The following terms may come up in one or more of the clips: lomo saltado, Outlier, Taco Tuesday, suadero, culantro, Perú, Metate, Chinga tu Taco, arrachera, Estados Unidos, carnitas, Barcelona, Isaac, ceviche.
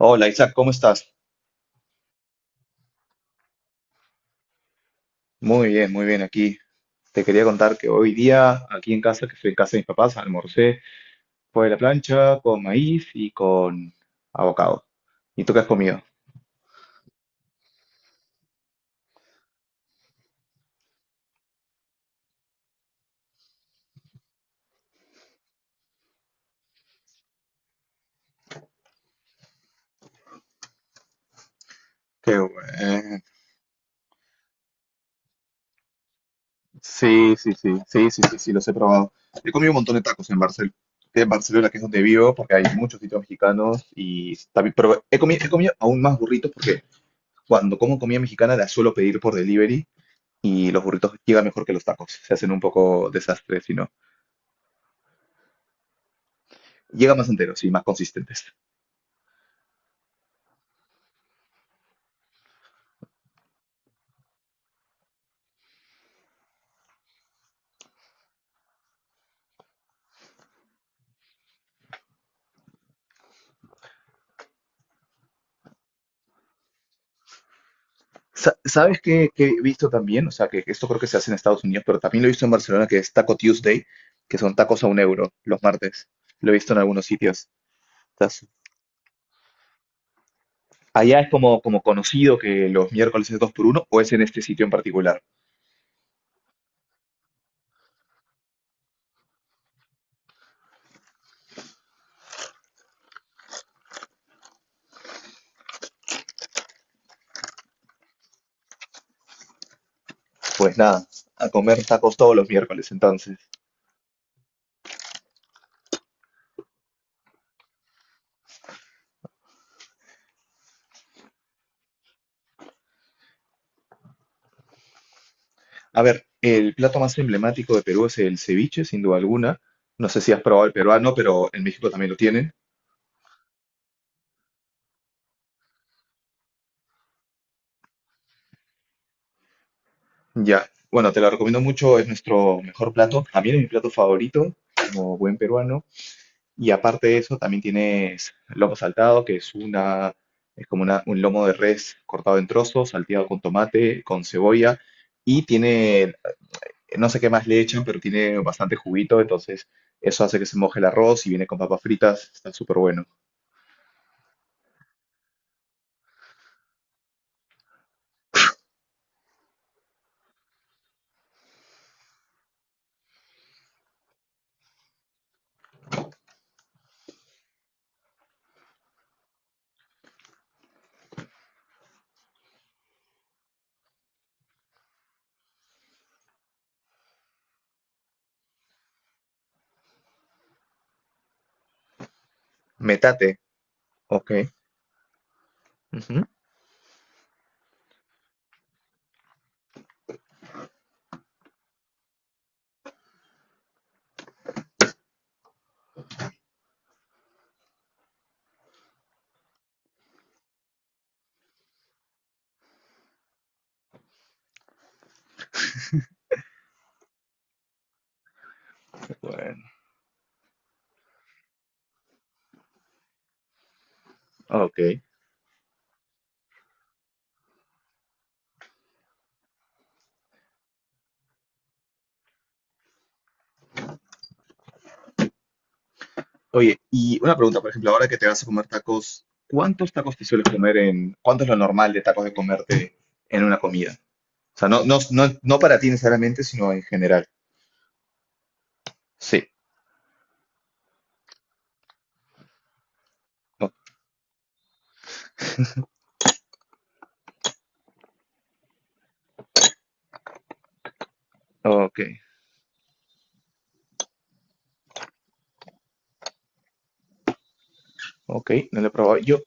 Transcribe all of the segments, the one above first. Hola Isaac, ¿cómo estás? Muy bien aquí. Te quería contar que hoy día, aquí en casa, que estoy en casa de mis papás, almorcé fue la plancha con maíz y con avocado. ¿Y tú qué has comido? Qué bueno. Sí, sí, sí, sí, sí, sí, sí, los he probado. He comido un montón de tacos en Barcelona, que es donde vivo, porque hay muchos sitios mexicanos y también, pero he comido aún más burritos porque cuando como comida mexicana la suelo pedir por delivery y los burritos llegan mejor que los tacos. Se hacen un poco desastres, llega más enteros y más consistentes. ¿Sabes qué he visto también? O sea, que esto creo que se hace en Estados Unidos, pero también lo he visto en Barcelona, que es Taco Tuesday, que son tacos a 1 € los martes. Lo he visto en algunos sitios. Estás- Allá es como conocido que los miércoles es dos por uno, o es en este sitio en particular. Pues nada, a comer tacos todos los miércoles entonces. A ver, el plato más emblemático de Perú es el ceviche, sin duda alguna. No sé si has probado el peruano, pero en México también lo tienen. Ya, bueno, te la recomiendo mucho, es nuestro mejor plato. También es mi plato favorito, como buen peruano. Y aparte de eso, también tienes lomo saltado, que es una, es como una- un lomo de res cortado en trozos, salteado con tomate, con cebolla. Y tiene, no sé qué más le echan, pero tiene bastante juguito, entonces eso hace que se moje el arroz y viene con papas fritas, está súper bueno. Metate, ok. Ujú. Bueno, ok. Oye, y una pregunta, por ejemplo, ahora que te vas a comer tacos, ¿cuántos tacos te sueles comer cuánto es lo normal de tacos de comerte en una comida? O sea, no, no, no, no para ti necesariamente, sino en general. Sí. No, ok, ok, no lo he probado. Yo,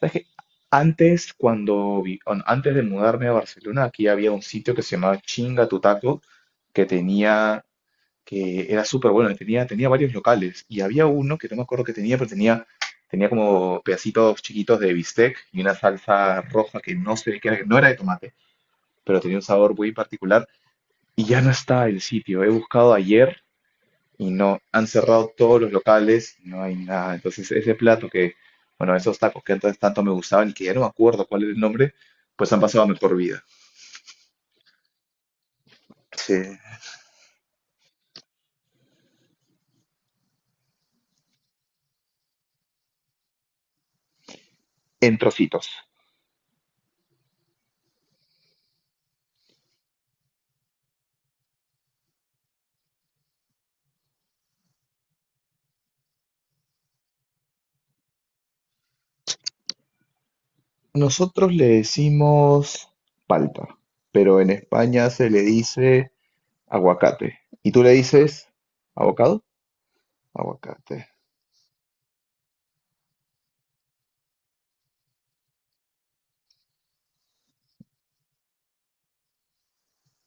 ¿sabes qué? Antes, cuando antes de mudarme a Barcelona, aquí había un sitio que se llamaba Chinga tu Taco, que tenía que era súper bueno, tenía, tenía, varios locales y había uno que no me acuerdo que tenía, pero tenía como pedacitos chiquitos de bistec y una salsa roja que no sé qué era, que no era de tomate, pero tenía un sabor muy particular y ya no está el sitio. He buscado ayer y no, han cerrado todos los locales, no hay nada. Entonces bueno, esos tacos que antes tanto me gustaban y que ya no me acuerdo cuál era el nombre, pues han pasado a mejor vida. Sí, en trocitos. Nosotros le decimos palta, pero en España se le dice aguacate. ¿Y tú le dices abocado? Aguacate.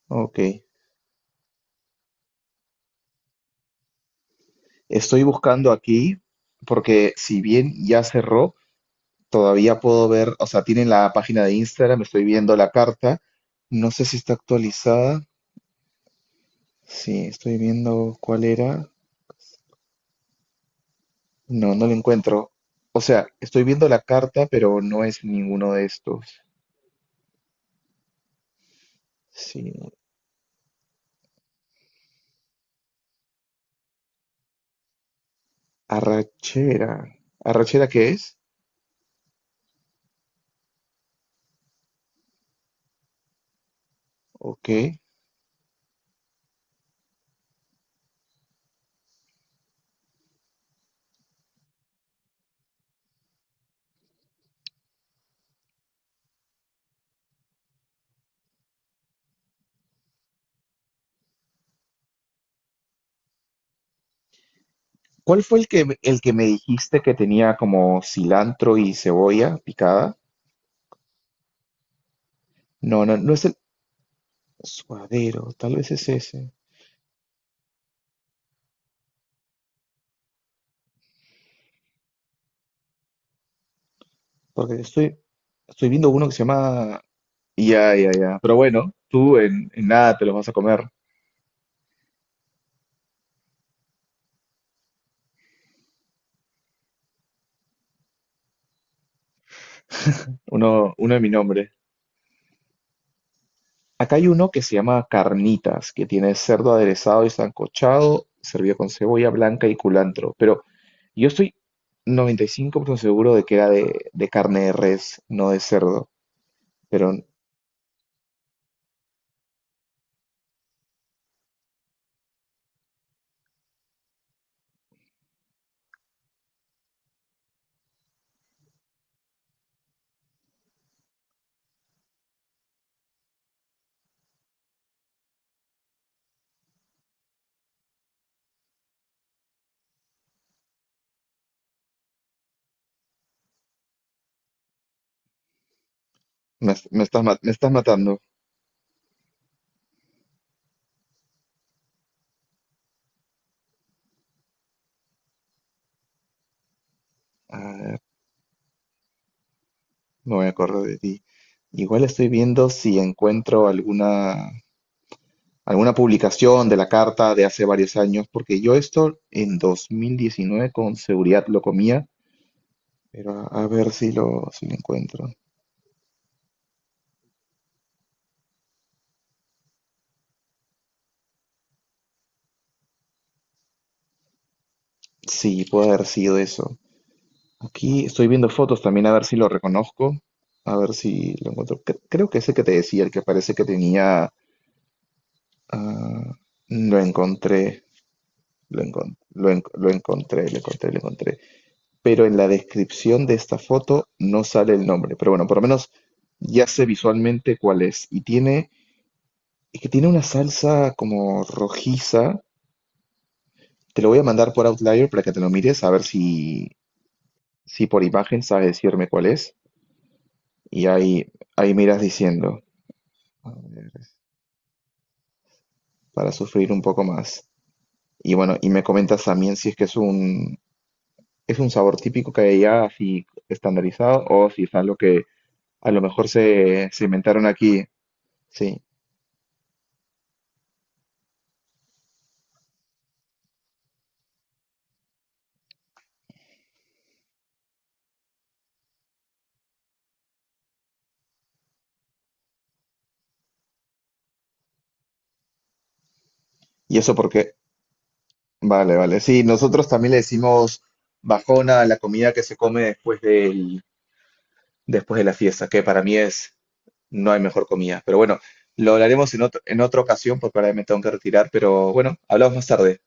Ok. Estoy buscando aquí porque si bien ya cerró, todavía puedo ver, o sea, tienen la página de Instagram, estoy viendo la carta. No sé si está actualizada. Sí, estoy viendo cuál era. No, no la encuentro. O sea, estoy viendo la carta, pero no es ninguno de estos. Sí. Arrachera. ¿Arrachera qué es? Ok. ¿Cuál fue el que me dijiste que tenía como cilantro y cebolla picada? No, no, no es el suadero, tal vez es ese. Porque estoy viendo uno que se llama. Ya, ya, ya. Pero bueno, tú en nada te los vas a comer. Uno de mi nombre. Acá hay uno que se llama carnitas, que tiene cerdo aderezado y sancochado, servido con cebolla blanca y culantro. Pero yo estoy 95% seguro de que era de carne de res, no de cerdo, pero me estás matando. A ver, no me acuerdo de ti. Igual estoy viendo si encuentro alguna publicación de la carta de hace varios años, porque yo esto en 2019 con seguridad lo comía, pero a ver si lo encuentro. Sí, puede haber sido eso. Aquí estoy viendo fotos también a ver si lo reconozco, a ver si lo encuentro. Creo que ese que te decía, el que parece que tenía. Ah, lo encontré, lo encontré, lo encontré, lo encontré. Pero en la descripción de esta foto no sale el nombre. Pero bueno, por lo menos ya sé visualmente cuál es. Es que tiene una salsa como rojiza. Te lo voy a mandar por Outlier para que te lo mires, a ver si por imagen sabes decirme cuál es. Y ahí miras diciendo. A ver, para sufrir un poco más. Y bueno, y me comentas también si es que es un sabor típico que hay allá, así estandarizado, o si es algo que a lo mejor se inventaron aquí. Sí. Y eso porque, vale, vale. Sí, nosotros también le decimos bajona a la comida que se come después de la fiesta, que para mí no hay mejor comida. Pero bueno, lo hablaremos en otra ocasión, porque ahora me tengo que retirar, pero bueno, hablamos más tarde.